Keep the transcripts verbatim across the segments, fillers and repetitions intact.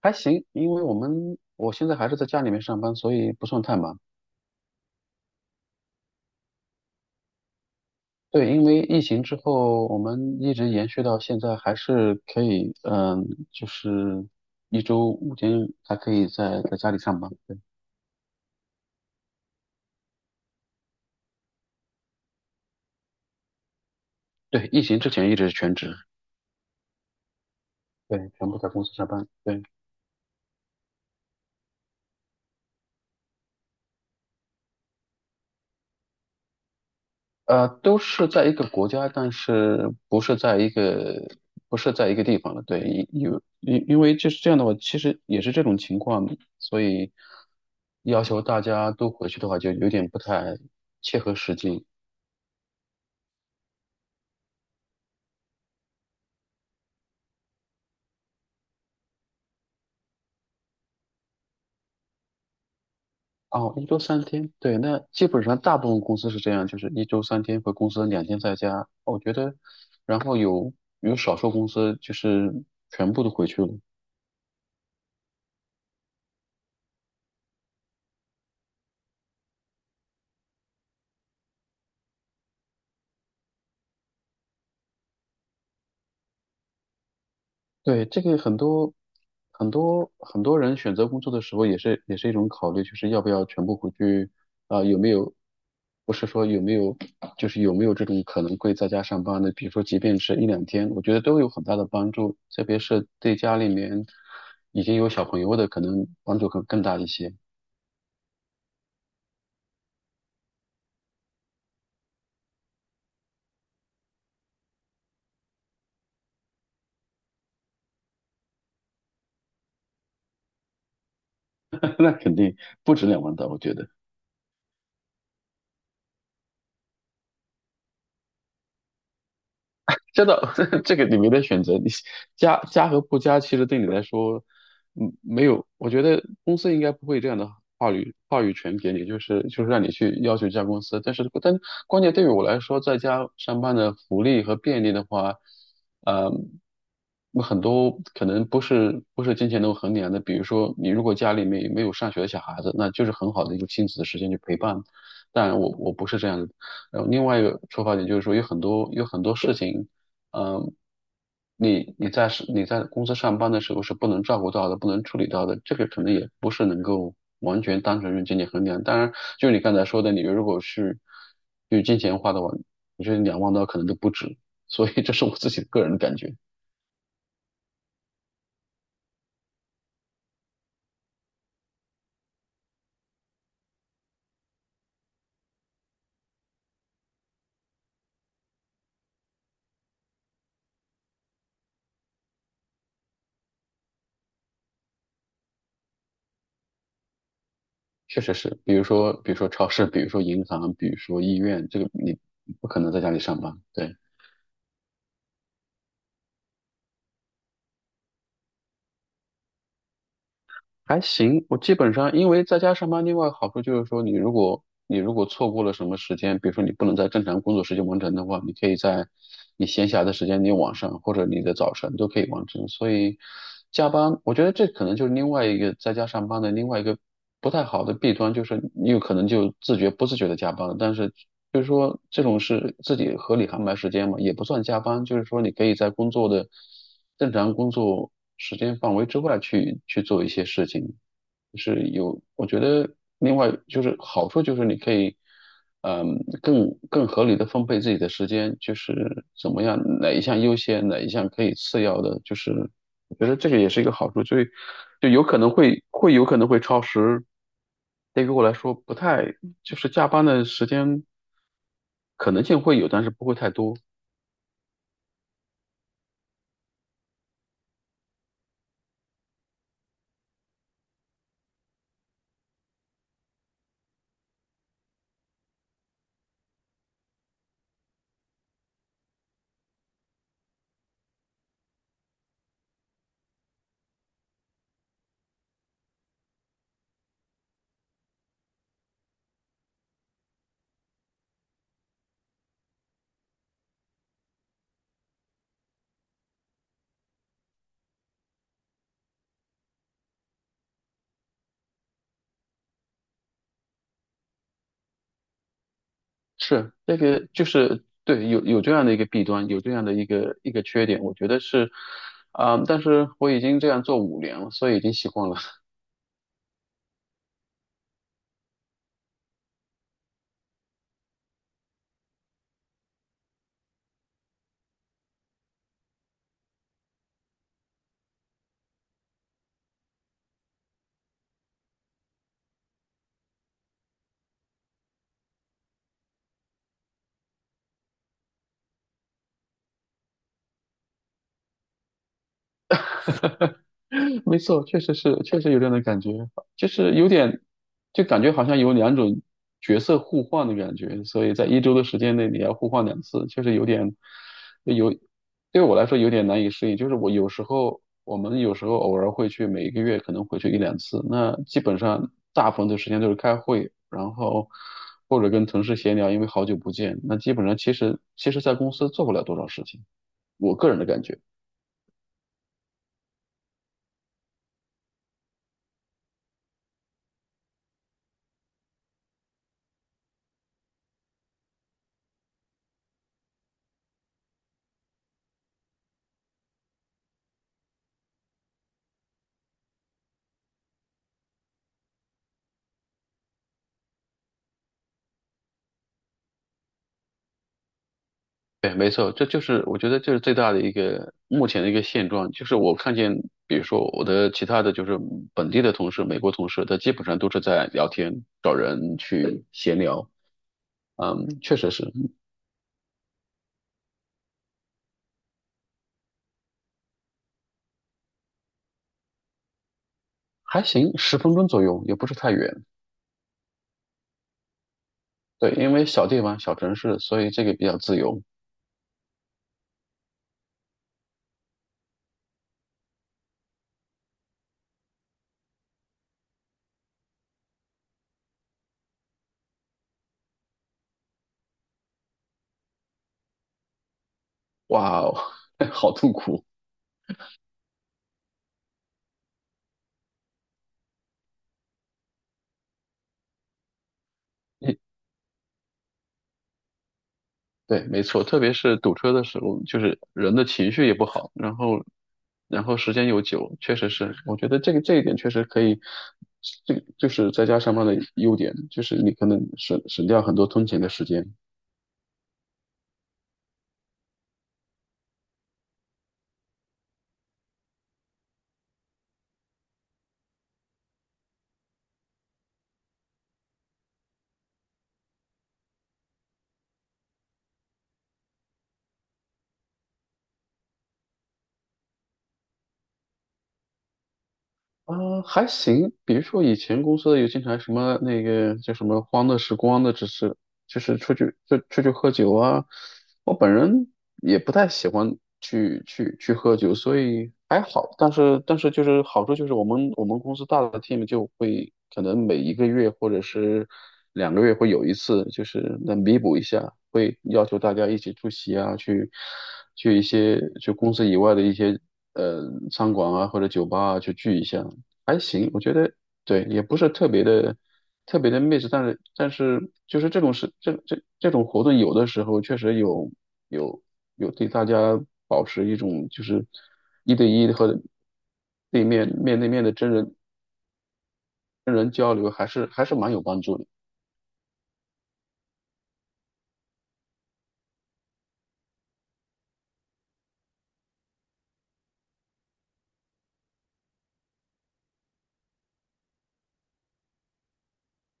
还行，因为我们我现在还是在家里面上班，所以不算太忙。对，因为疫情之后，我们一直延续到现在，还是可以，嗯，就是一周五天还可以在在家里上班。对，对，疫情之前一直是全职，对，全部在公司上班。对。呃，都是在一个国家，但是不是在一个不是在一个地方的。对，因因因因为就是这样的话，其实也是这种情况，所以要求大家都回去的话，就有点不太切合实际。哦，一周三天，对，那基本上大部分公司是这样，就是一周三天回公司，两天在家。我觉得，然后有有少数公司就是全部都回去了。对，这个很多很多很多人选择工作的时候，也是也是一种考虑，就是要不要全部回去啊、有没有不是说有没有，就是有没有这种可能会在家上班的？比如说，即便是一两天，我觉得都有很大的帮助，特别是对家里面已经有小朋友的，可能帮助更更大一些。那肯定不止两万刀，我觉得。真的，这个你没得选择，你加加和不加，其实对你来说，嗯，没有，我觉得公司应该不会这样的话语话语权给你，就是就是让你去要求加公司，但是但关键对于我来说，在家上班的福利和便利的话，呃，很多可能不是不是金钱能衡量的，比如说你如果家里面没有上学的小孩子，那就是很好的一个亲子的时间去陪伴，但我我不是这样的。然后另外一个出发点就是说，有很多有很多事情，嗯，你你在是你在公司上班的时候是不能照顾到的，不能处理到的，这个可能也不是能够完全单纯用金钱衡量。当然，就你刚才说的，你如果是用金钱花的话，我觉得两万刀可能都不止。所以这是我自己的个人感觉，确实是，比如说比如说超市，比如说银行，比如说医院，这个你不可能在家里上班，对。还行，我基本上因为在家上班，另外好处就是说，你如果你如果错过了什么时间，比如说你不能在正常工作时间完成的话，你可以在你闲暇的时间，你晚上或者你的早晨都可以完成。所以加班，我觉得这可能就是另外一个在家上班的另外一个不太好的弊端，就是你有可能就自觉不自觉的加班了，但是就是说这种是自己合理安排时间嘛，也不算加班，就是说你可以在工作的。正常工作时间范围之外去去做一些事情，就是有，我觉得另外就是好处就是你可以，嗯，更更合理的分配自己的时间，就是怎么样哪一项优先，哪一项可以次要的，就是我觉得这个也是一个好处，所以就有可能会会有可能会超时，对于我来说不太就是加班的时间可能性会有，但是不会太多。是那个，就是对，有有这样的一个弊端，有这样的一个一个缺点，我觉得是，啊、但是我已经这样做五年了，所以已经习惯了。没错，确实是，确实有这样的感觉，就是有点，就感觉好像有两种角色互换的感觉，所以在一周的时间内你要互换两次，确实有点，有，对我来说有点难以适应。就是我有时候，我们有时候偶尔会去，每一个月可能回去一两次，那基本上大部分的时间都是开会，然后或者跟同事闲聊，因为好久不见，那基本上其实其实在公司做不了多少事情，我个人的感觉。对，没错，这就是我觉得这是最大的一个目前的一个现状，就是我看见，比如说我的其他的就是本地的同事、美国同事，他基本上都是在聊天、找人去闲聊，嗯，确实是。还行，十分钟左右，也不是太远。对，因为小地方、小城市，所以这个比较自由。哇哦，好痛苦。对，没错，特别是堵车的时候，就是人的情绪也不好，然后，然后，时间又久，确实是，我觉得这个这一点确实可以，这就是在家上班的优点，就是你可能省省掉很多通勤的时间。啊，还行。比如说以前公司有经常什么那个叫什么"欢乐时光"的，只是就是出去就出去喝酒啊。我本人也不太喜欢去去去喝酒，所以还好。但是但是就是好处就是我们我们公司大的 team 就会可能每一个月或者是两个月会有一次，就是能弥补一下，会要求大家一起出席啊，去去一些就公司以外的一些呃餐馆啊或者酒吧啊去聚一下。还行，我觉得对，也不是特别的特别的 m i 但是但是就是这种事，这这这种活动有的时候确实有有有对大家保持一种就是一对一的和对面面对面的真人真人交流，还是还是蛮有帮助的。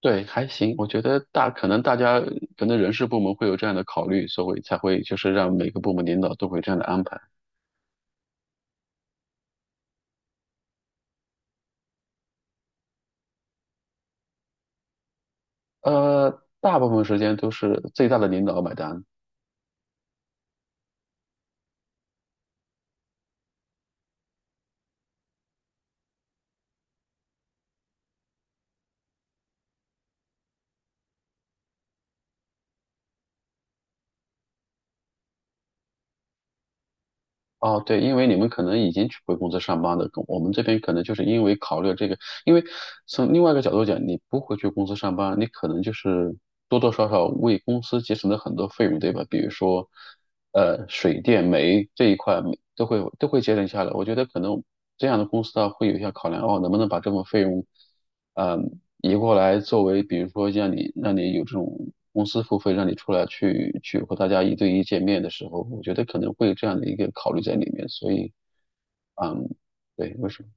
对，还行，我觉得大可能大家可能人事部门会有这样的考虑，所以才会就是让每个部门领导都会这样的安排。呃，大部分时间都是最大的领导买单。哦，对，因为你们可能已经去回公司上班的，我们这边可能就是因为考虑这个，因为从另外一个角度讲，你不回去公司上班，你可能就是多多少少为公司节省了很多费用，对吧？比如说，呃，水电煤这一块都会都会节省下来。我觉得可能这样的公司啊，会有一些考量，哦，能不能把这份费用嗯，移过来作为，比如说让你让你有这种公司付费，让你出来去去和大家一对一见面的时候，我觉得可能会有这样的一个考虑在里面，所以嗯，对，为什么？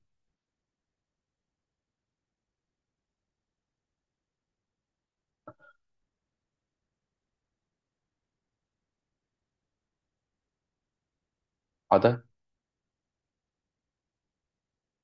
好的。